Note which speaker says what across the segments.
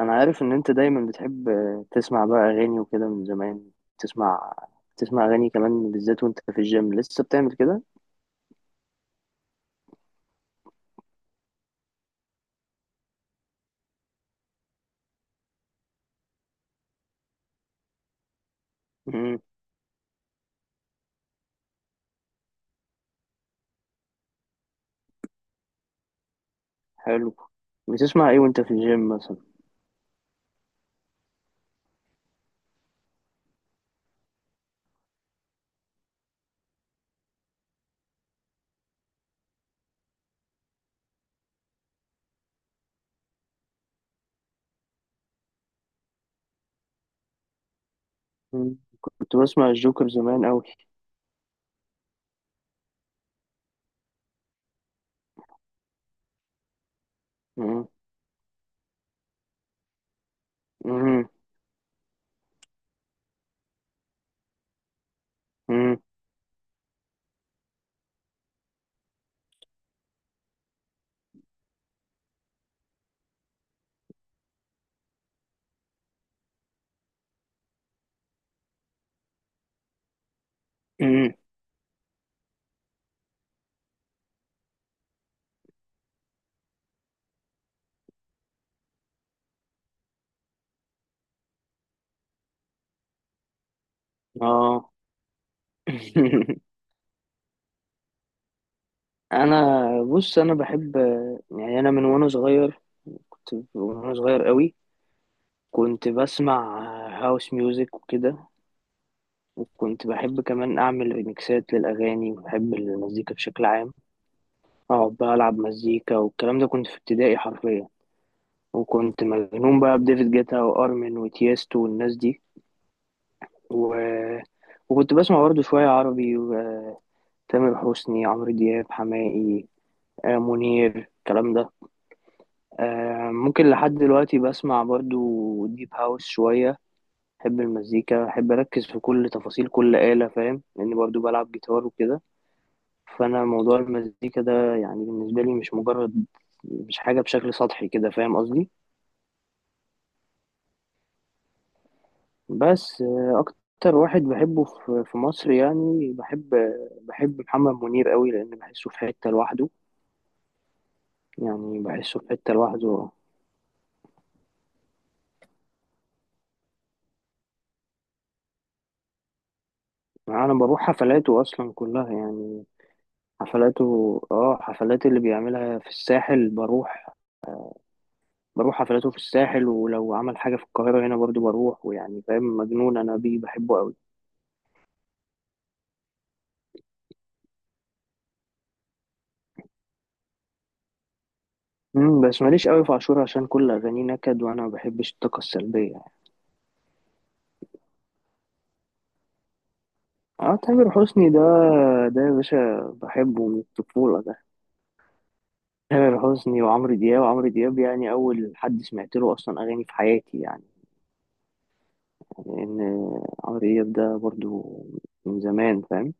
Speaker 1: انا عارف ان انت دايما بتحب تسمع بقى اغاني وكده من زمان. تسمع تسمع اغاني كمان بالذات وانت في الجيم لسه بتعمل كده. امم. حلو. بتسمع ايه وانت في الجيم مثلا؟ مم. كنت بسمع الجوكر زمان قوي. امم، امم، امم. اه. انا بص، انا بحب، يعني انا من وانا صغير، كنت من وانا صغير قوي كنت بسمع هاوس ميوزك وكده. وكنت بحب كمان أعمل ريميكسات للأغاني وبحب المزيكا بشكل عام. أقعد بقى ألعب مزيكا والكلام ده، كنت في ابتدائي حرفيا. وكنت مجنون بقى بديفيد جيتا وأرمن وتيستو والناس دي و... وكنت بسمع برضه شوية عربي، وتامر حسني، عمرو دياب، حماقي، منير، الكلام ده. ممكن لحد دلوقتي بسمع برضه ديب هاوس شوية. بحب المزيكا، بحب أركز في كل تفاصيل كل آلة، فاهم؟ لأني برضه بلعب جيتار وكده. فانا موضوع المزيكا ده يعني بالنسبه لي مش مجرد، مش حاجه بشكل سطحي كده، فاهم قصدي؟ بس اكتر واحد بحبه في مصر، يعني بحب، محمد منير قوي، لان بحسه في حته لوحده. يعني بحسه في حته لوحده. يعني انا بروح حفلاته اصلا كلها يعني، حفلاته، حفلات اللي بيعملها في الساحل بروح حفلاته في الساحل، ولو عمل حاجه في القاهره هنا برضو بروح، ويعني فاهم، مجنون انا بيه، بحبه قوي. امم. بس ماليش قوي في عاشور، عشان كل اغانيه نكد، وانا ما بحبش الطاقه السلبيه يعني. اه، تامر حسني ده، يا باشا بحبه من الطفوله ده. تامر حسني وعمرو دياب، وعمرو دياب يعني اول حد سمعت له اصلا اغاني في حياتي يعني، لان عمرو دياب ده برضو من زمان، فاهم؟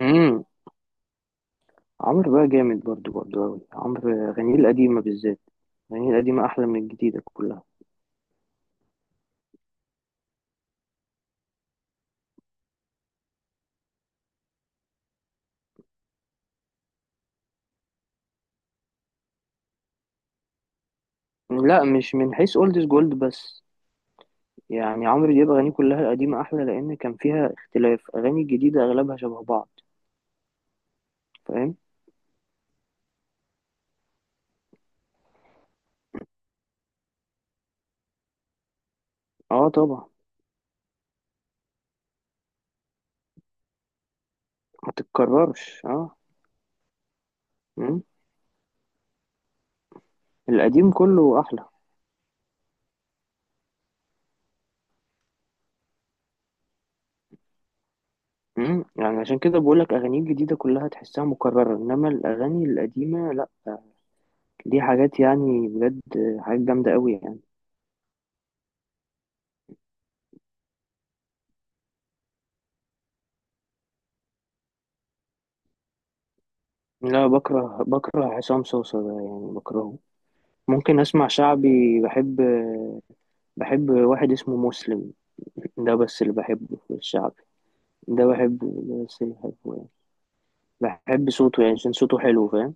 Speaker 1: امم. عمرو بقى جامد برضو، قوي، عمرو اغانيه القديمه بالذات. اغانيه القديمه احلى من الجديده كلها. لا، مش من حيث اولد از جولد بس، يعني عمرو دياب أغانيه كلها القديمة أحلى لأن كان فيها اختلاف، أغاني الجديدة أغلبها شبه بعض، فاهم؟ اه طبعا. ما تتكررش اه. مم. القديم كله أحلى. مم. يعني عشان كده بقولك أغانيه الجديدة كلها تحسها مكررة، إنما الأغاني القديمة لأ. دي حاجات يعني بجد، حاجات جامدة أوي يعني. لا، بكره عصام صوصة ده يعني، بكرهه. ممكن أسمع شعبي، بحب. بحب واحد اسمه مسلم، ده بس اللي بحبه في الشعبي. ده بحبه، ده بس اللي بحبه. بحب صوته يعني عشان صوته حلو، فاهم؟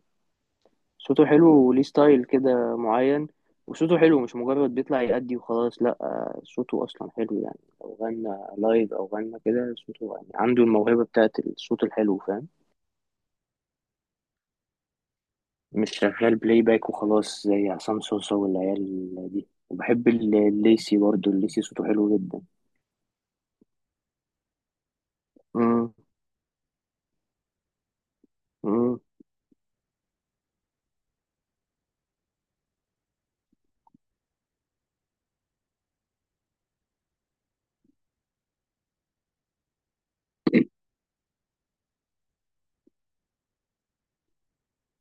Speaker 1: صوته حلو وليه ستايل كده معين. وصوته حلو، مش مجرد بيطلع يأدي وخلاص، لا، صوته أصلا حلو، يعني لو غنى لايف أو غنى كده، صوته يعني عنده الموهبة بتاعت الصوت الحلو، فاهم؟ مش شغال بلاي باك وخلاص زي عصام صوصة والعيال دي. وبحب الليسي برضه، الليسي صوته حلو جدا. مم. مم.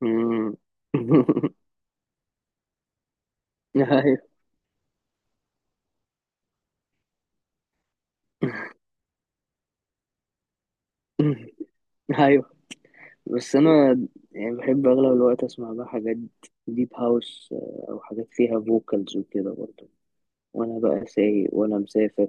Speaker 1: مم. أيوه. أيوه. بس انا يعني بحب اغلب الوقت اسمع بقى حاجات ديب هاوس، او حاجات فيها فوكالز وكده برضه، وانا بقى سايق وانا مسافر.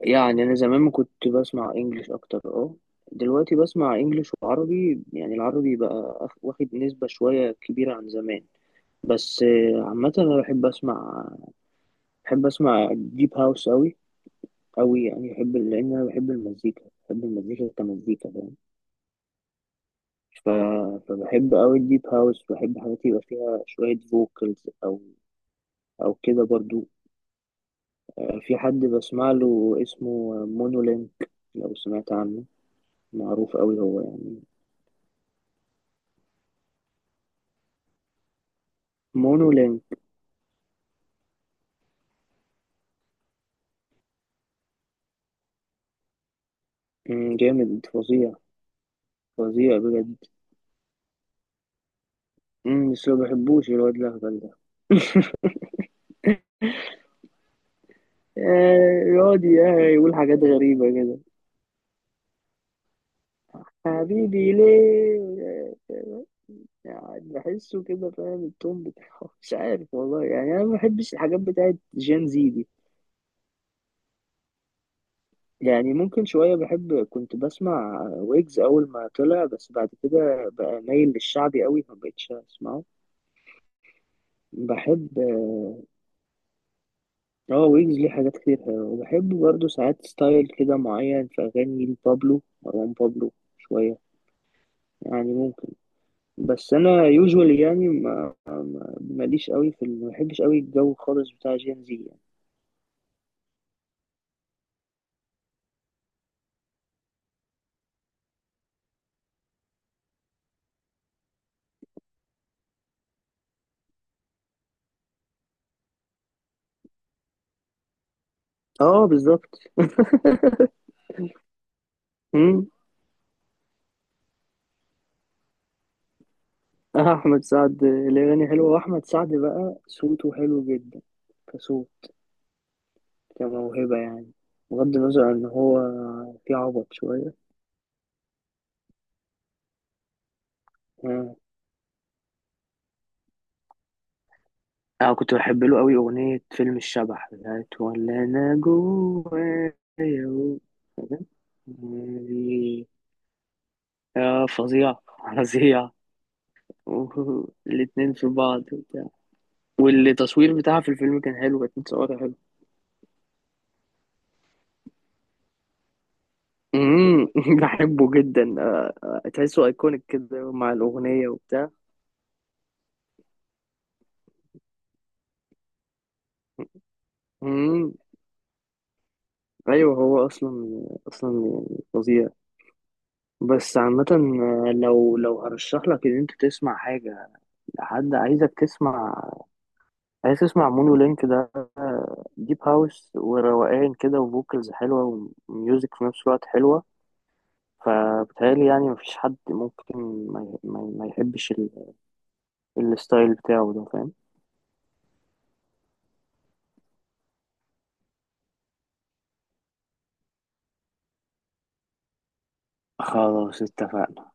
Speaker 1: يعني انا زمان ما كنت بسمع انجليش اكتر، اه، دلوقتي بسمع انجليش وعربي، يعني العربي بقى واخد نسبة شوية كبيرة عن زمان. بس عامة انا بحب اسمع، بحب اسمع ديب هاوس اوي، اوي يعني، بحب لان انا بحب المزيكا، بحب المزيكا كمزيكا. ف... فبحب أوي الديب هاوس، بحب حاجات يبقى فيها شوية فوكالز أو، كده برضو. في حد بسمع له اسمه مونولينك، لو سمعت عنه، معروف أوي هو يعني. مونولينك. مم، جامد فظيع، فظيع بجد. مم، بس ما بحبوش الواد الأهبل ده. يقعد يقول حاجات غريبة كده، حبيبي ليه، يعني بحسه كده، فاهم التون بتاعه؟ مش عارف والله يعني، أنا ما بحبش الحاجات بتاعت جين زي دي. يعني ممكن شوية بحب، كنت بسمع ويجز أول ما طلع، بس بعد كده بقى مايل للشعبي قوي فمبقتش أسمعه. بحب، اه، ويجز ليه حاجات كتير حلوة، وبحب برضه ساعات ستايل كده معين في أغاني لبابلو، مروان بابلو شوية يعني ممكن. بس أنا يوجوالي يعني، ما ماليش قوي في ال- ما بحبش قوي الجو خالص بتاع جين زي يعني. اه بالظبط. مم. أحمد سعد الأغاني حلوة، وأحمد سعد بقى صوته حلو جدا، كصوت، كموهبة يعني، بغض النظر إن هو في عبط شوية. آه. أنا كنت بحب له أوي أغنية فيلم الشبح، بتاعت ولا أنا جوايا. و- فاكر؟ دي. آه فظيع، فظيع. الاتنين في بعض وبتاع. والتصوير بتاعها في الفيلم كان حلو، كانت متصورة حلو. مم. بحبه جدا، تحسه ايكونيك كده مع الأغنية وبتاع مم، ايوه هو اصلا، يعني فظيع. بس عامة، لو هرشح لك ان انت تسمع حاجة، لحد عايزك تسمع، عايز تسمع مونو لينك ده، ديب هاوس وروقان كده وفوكالز حلوة وميوزك في نفس الوقت حلوة. فبتهيألي يعني مفيش حد ممكن ما يحبش الستايل بتاعه ده، فاهم؟ خلاص اتفقنا.